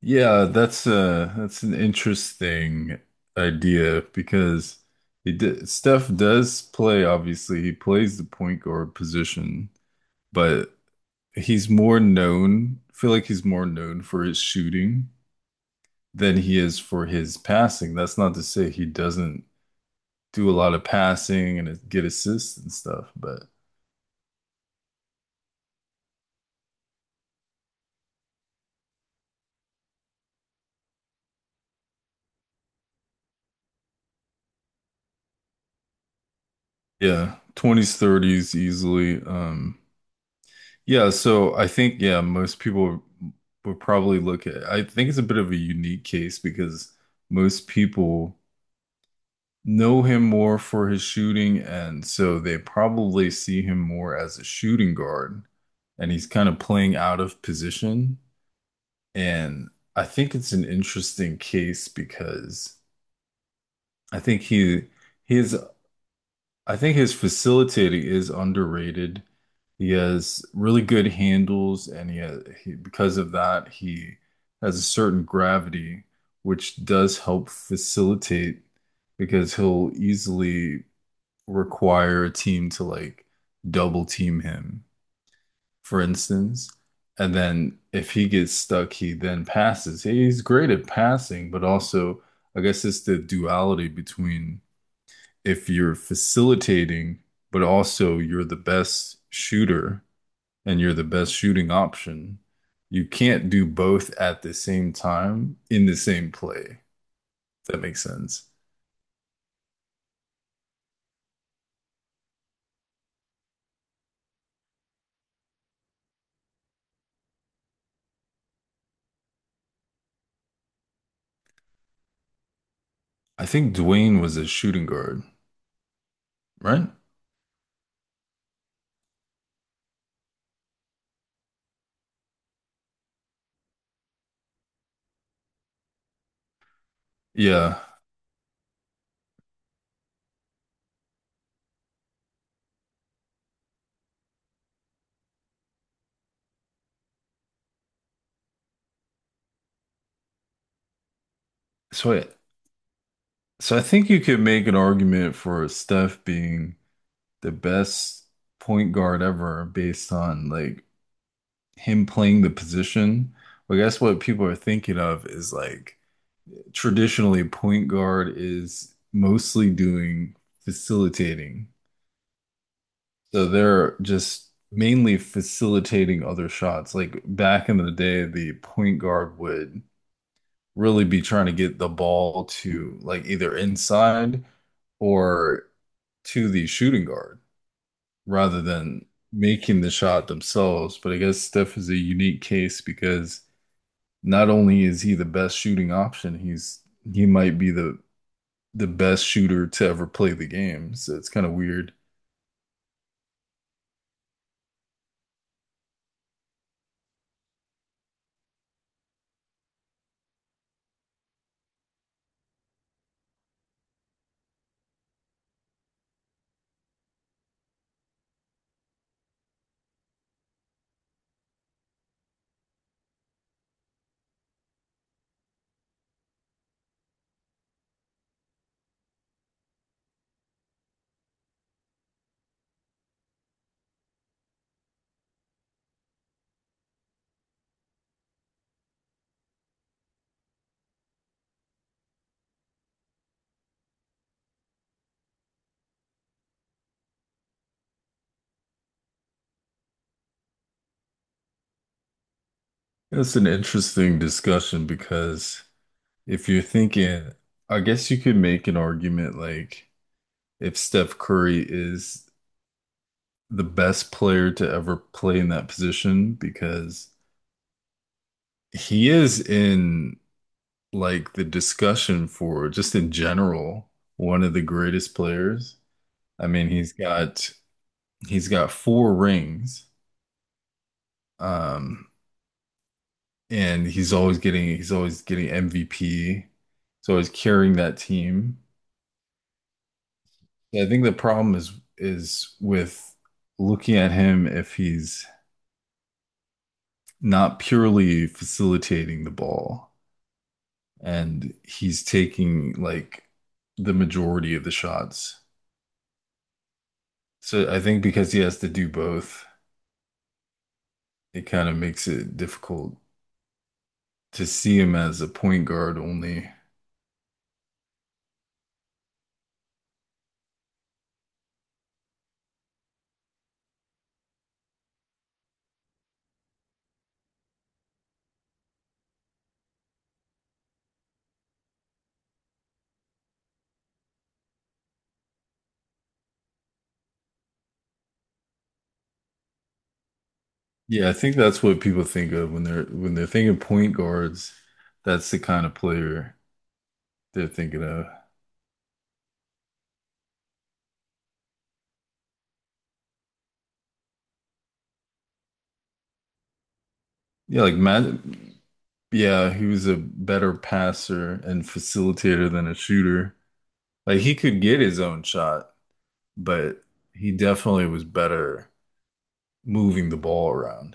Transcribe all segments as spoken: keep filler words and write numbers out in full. Yeah, that's uh that's an interesting idea because he did, Steph does play, obviously, he plays the point guard position, but he's more known, I feel like he's more known for his shooting than he is for his passing. That's not to say he doesn't do a lot of passing and get assists and stuff, but yeah, twenties, thirties easily. Um Yeah, so I think yeah, most people would probably look at I think it's a bit of a unique case because most people know him more for his shooting, and so they probably see him more as a shooting guard and he's kind of playing out of position. And I think it's an interesting case because I think he his I think his facilitating is underrated. He has really good handles, and he, has, he because of that, he has a certain gravity, which does help facilitate because he'll easily require a team to like double team him, for instance. And then if he gets stuck, he then passes. He's great at passing, but also, I guess it's the duality between if you're facilitating, but also you're the best shooter and you're the best shooting option, you can't do both at the same time in the same play. If that makes sense. I think Dwayne was a shooting guard, right? Yeah. So I, so I think you could make an argument for Steph being the best point guard ever based on like him playing the position. But I guess what people are thinking of is like traditionally point guard is mostly doing facilitating. So they're just mainly facilitating other shots. Like back in the day, the point guard would really be trying to get the ball to like either inside or to the shooting guard rather than making the shot themselves. But I guess Steph is a unique case because not only is he the best shooting option, he's he might be the the best shooter to ever play the game. So it's kind of weird. It's an interesting discussion because if you're thinking, I guess you could make an argument like if Steph Curry is the best player to ever play in that position because he is in like the discussion for just in general one of the greatest players. I mean, he's got he's got four rings. Um, and he's always getting he's always getting M V P. He's always carrying that team. I think the problem is is with looking at him if he's not purely facilitating the ball and he's taking like the majority of the shots. So I think because he has to do both, it kind of makes it difficult to see him as a point guard only. Yeah, I think that's what people think of when they're when they're thinking point guards. That's the kind of player they're thinking of. Yeah, like Matt. Yeah, he was a better passer and facilitator than a shooter. Like he could get his own shot, but he definitely was better moving the ball around.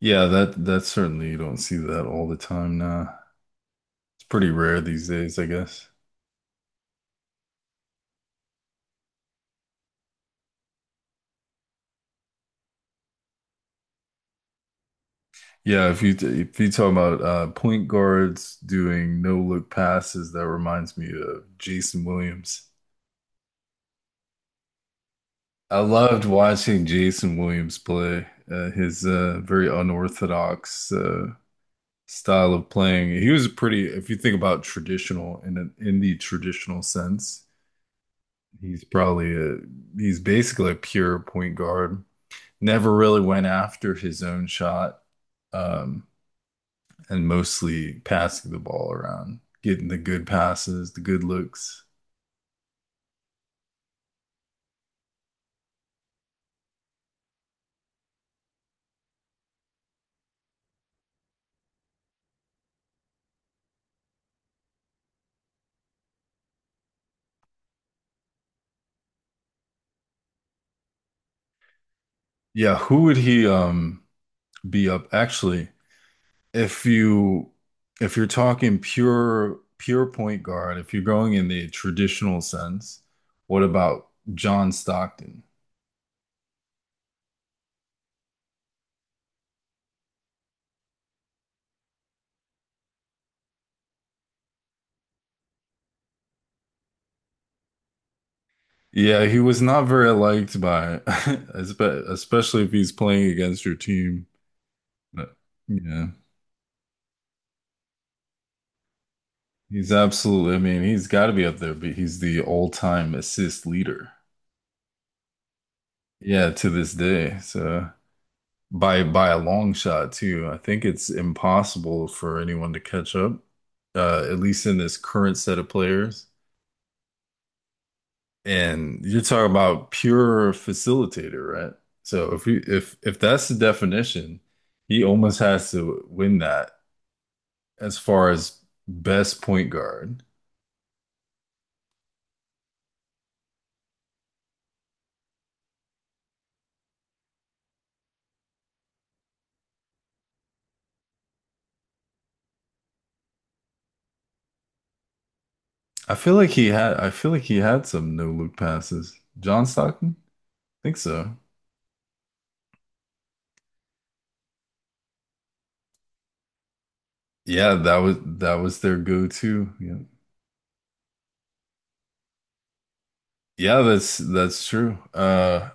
Yeah, that that certainly you don't see that all the time now. It's pretty rare these days, I guess. Yeah, if you if you talk about uh, point guards doing no look passes, that reminds me of Jason Williams. I loved watching Jason Williams play. Uh, his uh, very unorthodox uh, style of playing. He was pretty, if you think about traditional in an, in the traditional sense, he's probably a he's basically a pure point guard. Never really went after his own shot, um, and mostly passing the ball around, getting the good passes, the good looks. Yeah, who would he um, be up? Actually, if you if you're talking pure pure point guard, if you're going in the traditional sense, what about John Stockton? Yeah, he was not very liked by, espe- especially if he's playing against your team. But yeah, he's absolutely. I mean, he's got to be up there, but he's the all-time assist leader. Yeah, to this day. So. by by a long shot too. I think it's impossible for anyone to catch up, uh, at least in this current set of players. And you're talking about pure facilitator, right? So if you if if that's the definition, he almost has to win that as far as best point guard. I feel like he had I feel like he had some no look passes. John Stockton? I think so. Yeah, that was that was their go-to. Yeah. Yeah, that's that's true. Uh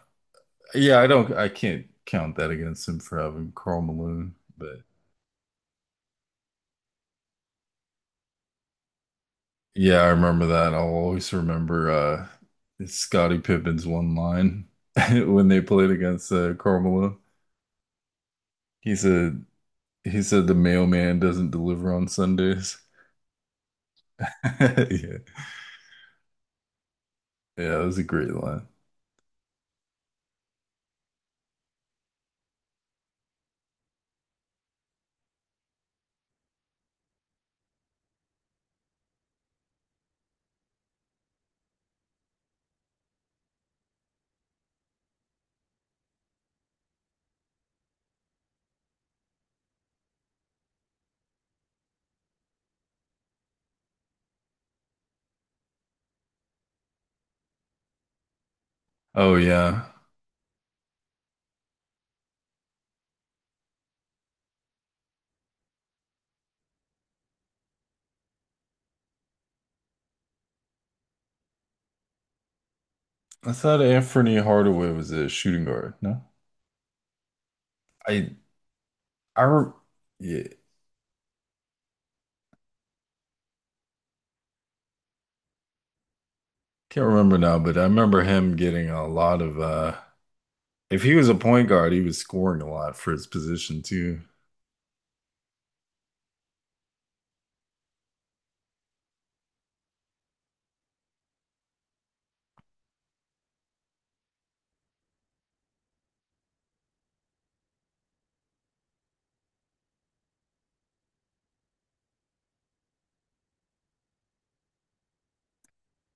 Yeah, I don't, I can't count that against him for having Karl Malone, but yeah, I remember that. I'll always remember uh Scottie Pippen's one line when they played against uh, Karl Malone. He said he said the mailman doesn't deliver on Sundays. Yeah, yeah, that was a great line. Oh yeah, I thought Anthony Hardaway was a shooting guard. No, I I re yeah, can't remember now, but I remember him getting a lot of uh. If he was a point guard, he was scoring a lot for his position too.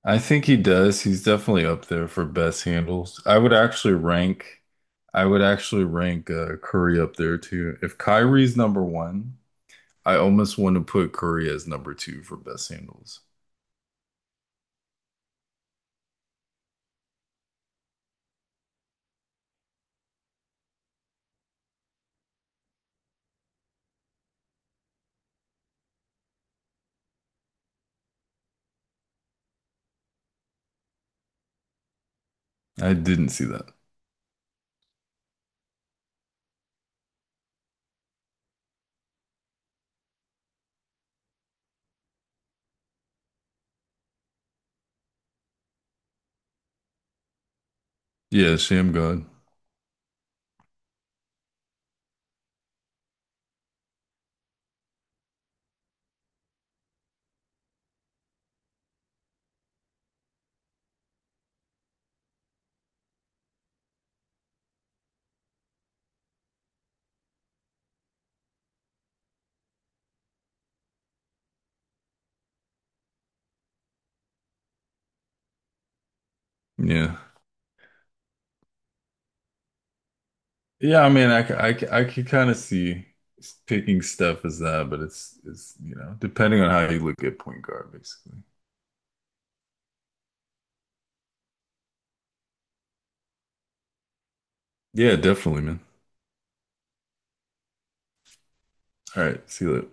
I think he does. He's definitely up there for best handles. I would actually rank, I would actually rank uh, Curry up there too. If Kyrie's number one, I almost want to put Curry as number two for best handles. I didn't see that. Yeah, Sham God. Yeah, yeah. I mean, I, c- I, c- I could kind of see picking Steph as that, but it's it's you know depending on how you look at point guard, basically. Yeah, definitely, man. All right, see you later.